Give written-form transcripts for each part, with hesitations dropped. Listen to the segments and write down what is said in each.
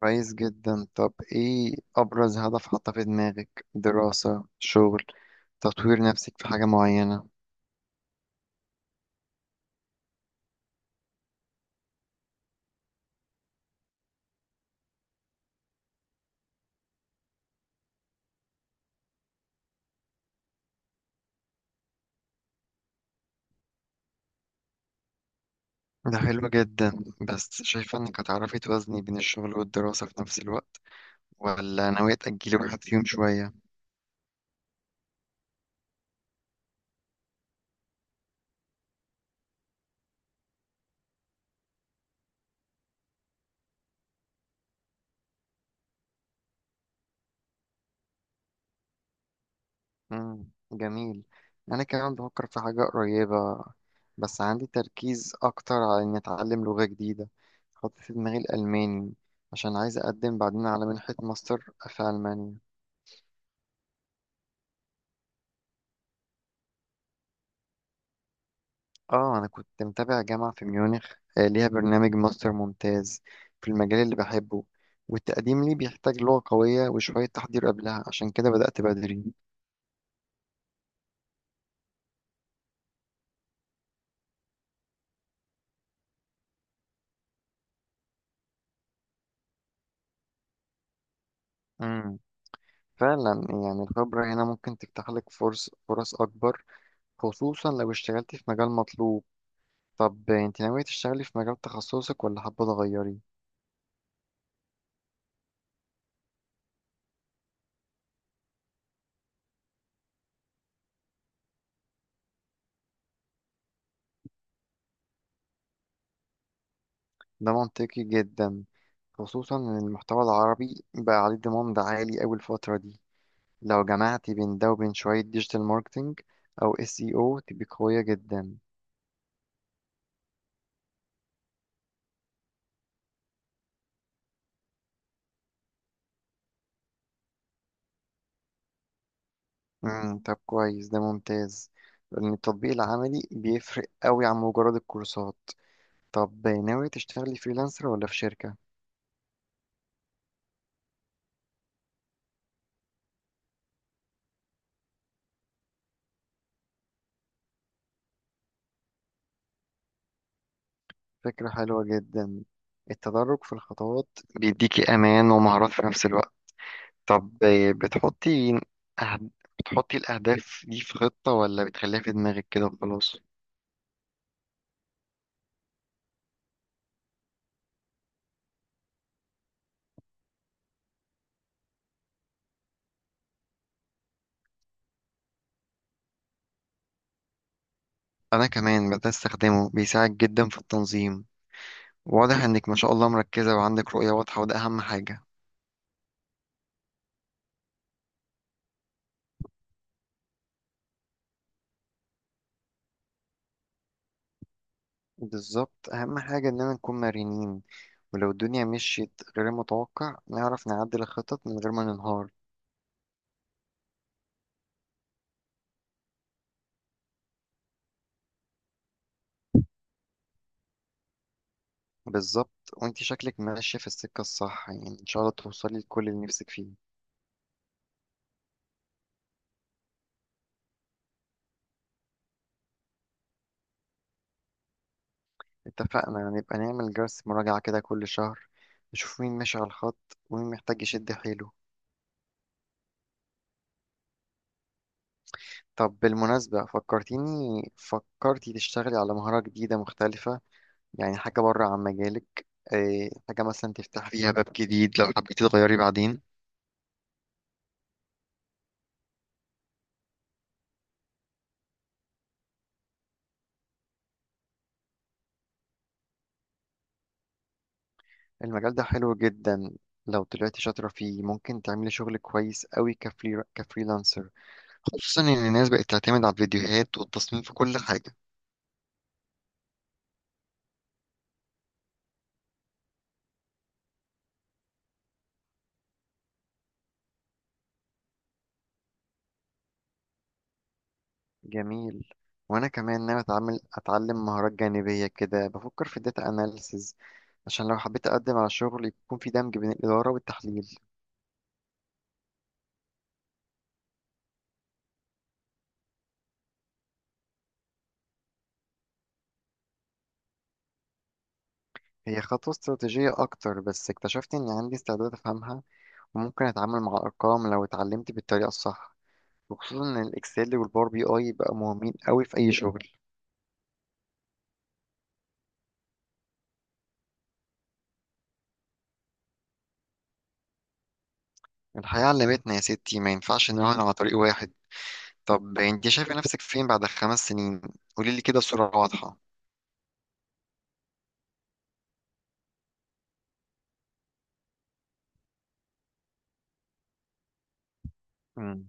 كويس جدا. طب ايه ابرز هدف حاطه في دماغك؟ دراسة، شغل، تطوير نفسك في حاجة معينة؟ ده حلو جدا، بس شايفة انك هتعرفي توازني بين الشغل والدراسة في نفس الوقت، ولا ناوية تأجلي واحد فيهم شوية؟ جميل. انا كمان بفكر في حاجة قريبة، بس عندي تركيز اكتر على اني اتعلم لغة جديدة. حاطط في دماغي الالماني عشان عايز اقدم بعدين على منحة ماستر في المانيا. اه، انا كنت متابع جامعة في ميونخ. ليها برنامج ماستر ممتاز في المجال اللي بحبه، والتقديم ليه بيحتاج لغة قوية وشوية تحضير قبلها، عشان كده بدأت بدري. امم فعلا، يعني الخبرة هنا ممكن تفتح لك فرص أكبر، خصوصا لو اشتغلت في مجال مطلوب. طب انت ناوية تشتغلي في مجال تخصصك ولا حابة تغيري؟ ده منطقي جدا، خصوصا ان المحتوى العربي بقى عليه ضمان دعاية عالي أوي الفترة دي. لو جمعتي بين ده وبين شوية ديجيتال ماركتينج أو اس اي او، تبقي قوية جدا. مم. طب كويس، ده ممتاز لأن التطبيق العملي بيفرق قوي عن مجرد الكورسات. طب ناوية تشتغلي فريلانسر ولا في شركة؟ فكرة حلوة جدا. التدرج في الخطوات بيديكي أمان ومهارات في نفس الوقت. طب، بتحطي أهد... بتحطي الأهداف دي في خطة ولا بتخليها في دماغك كده وخلاص؟ أنا كمان بدأت أستخدمه، بيساعد جدا في التنظيم. واضح انك ما شاء الله مركزة وعندك رؤية واضحة، وده اهم حاجة. بالظبط، اهم حاجة اننا نكون مرنين، ولو الدنيا مشيت غير المتوقع نعرف نعدل الخطط من غير ما ننهار. بالظبط، وانتي شكلك ماشية في السكة الصح، يعني ان شاء الله توصلي لكل اللي نفسك فيه. اتفقنا. نبقى نعمل جلسة مراجعة كده كل شهر، نشوف مين ماشي على الخط ومين محتاج يشد حيله. طب بالمناسبة، فكرتيني، فكرتي تشتغلي على مهارة جديدة مختلفة، يعني حاجة بره عن مجالك. حاجة مثلا تفتح فيها باب جديد لو حبيتي تغيري بعدين. المجال ده حلو جدا. لو طلعتي شاطرة فيه ممكن تعملي شغل كويس قوي كفريلانسر، خصوصا إن الناس بقت تعتمد على الفيديوهات والتصميم في كل حاجة. جميل. وأنا كمان ناوي أتعلم مهارات جانبية كده، بفكر في الداتا أناليسز عشان لو حبيت أقدم على شغل يكون في دمج بين الإدارة والتحليل. هي خطوة استراتيجية أكتر، بس اكتشفت إن عندي استعداد أفهمها. ممكن اتعامل مع ارقام لو اتعلمت بالطريقه الصح، وخصوصا ان الاكسل والباور بي اي بقى مهمين قوي في اي شغل. الحياه علمتنا يا ستي، ما ينفعش نراهن على طريق واحد. طب انت شايفه نفسك فين بعد 5 سنين؟ قولي لي كده بصوره واضحه. مم.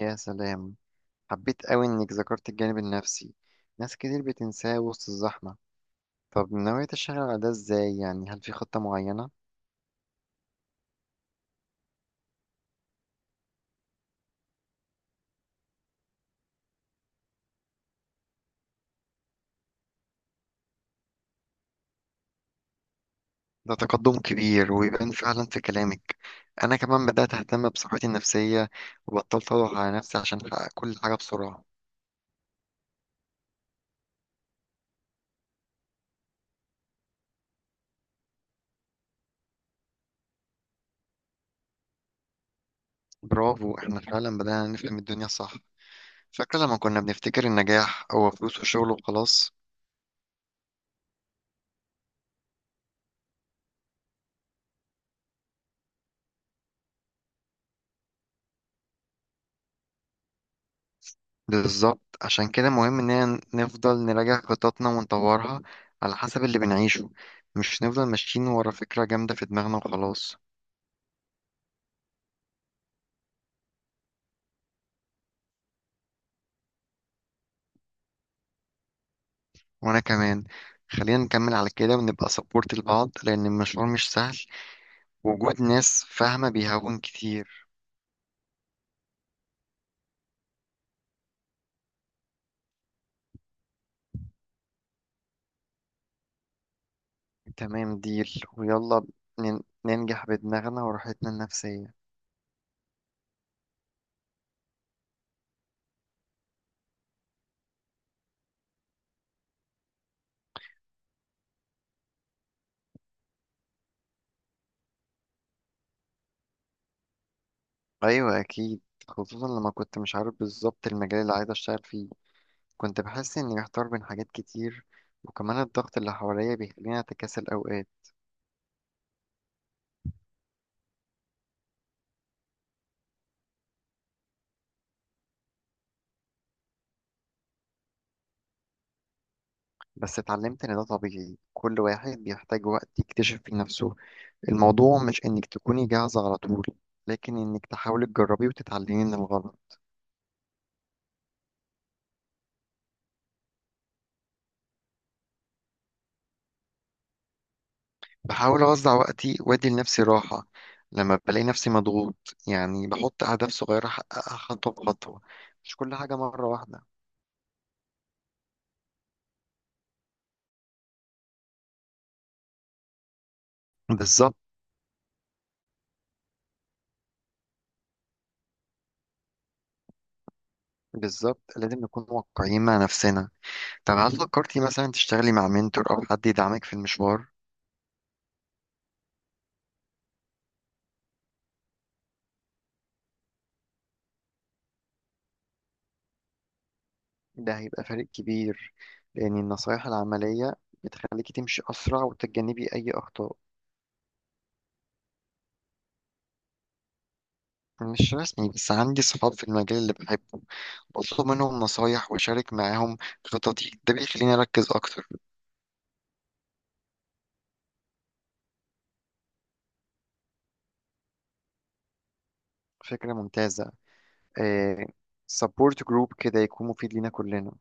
يا سلام، حبيت قوي انك ذكرت الجانب النفسي، ناس كتير بتنساه وسط الزحمه. طب ناوية تشتغل على ده ازاي؟ يعني هل في خطة معينة؟ ده تقدم كبير، ويبان فعلا في كلامك. أنا كمان بدأت أهتم بصحتي النفسية، وبطلت أضغط على نفسي عشان أحقق كل حاجة بسرعة. برافو، إحنا فعلا بدأنا نفهم الدنيا صح. فاكرة لما كنا بنفتكر النجاح هو فلوس وشغل وخلاص؟ بالظبط، عشان كده مهم إننا نفضل نراجع خططنا ونطورها على حسب اللي بنعيشه، مش نفضل ماشيين ورا فكرة جامدة في دماغنا وخلاص. وأنا كمان. خلينا نكمل على كده ونبقى سبورت لبعض، لأن المشوار مش سهل، وجود ناس فاهمة بيهون كتير. تمام ديل ويلا، ننجح بدماغنا وراحتنا النفسية. أيوة أكيد، خصوصا لما كنت مش عارف بالظبط المجال اللي عايز أشتغل فيه. كنت بحس إني محتار بين حاجات كتير، وكمان الضغط اللي حواليا بيخليني أتكاسل أوقات. بس اتعلمت إن ده طبيعي، كل واحد بيحتاج وقت يكتشف في نفسه. الموضوع مش إنك تكوني جاهزة على طول، لكن إنك تحاولي تجربي وتتعلمي من الغلط. بحاول أوزع وقتي وأدي لنفسي راحة لما بلاقي نفسي مضغوط، يعني بحط أهداف صغيرة أحققها خطوة بخطوة، مش كل حاجة مرة واحدة. بالظبط. بالظبط، لازم نكون واقعيين مع نفسنا. طب هل فكرتي مثلا تشتغلي مع منتور أو حد يدعمك في المشوار؟ ده هيبقى فارق كبير، لأن النصايح العملية بتخليكي تمشي أسرع وتتجنبي أي أخطاء. مش رسمي، بس عندي صحاب في المجال اللي بحبه، بطلب منهم نصايح وأشارك معاهم خططي. ده بيخليني أركز أكتر. فكرة ممتازة. إيه، سبورت جروب كده يكون مفيد لينا كلنا.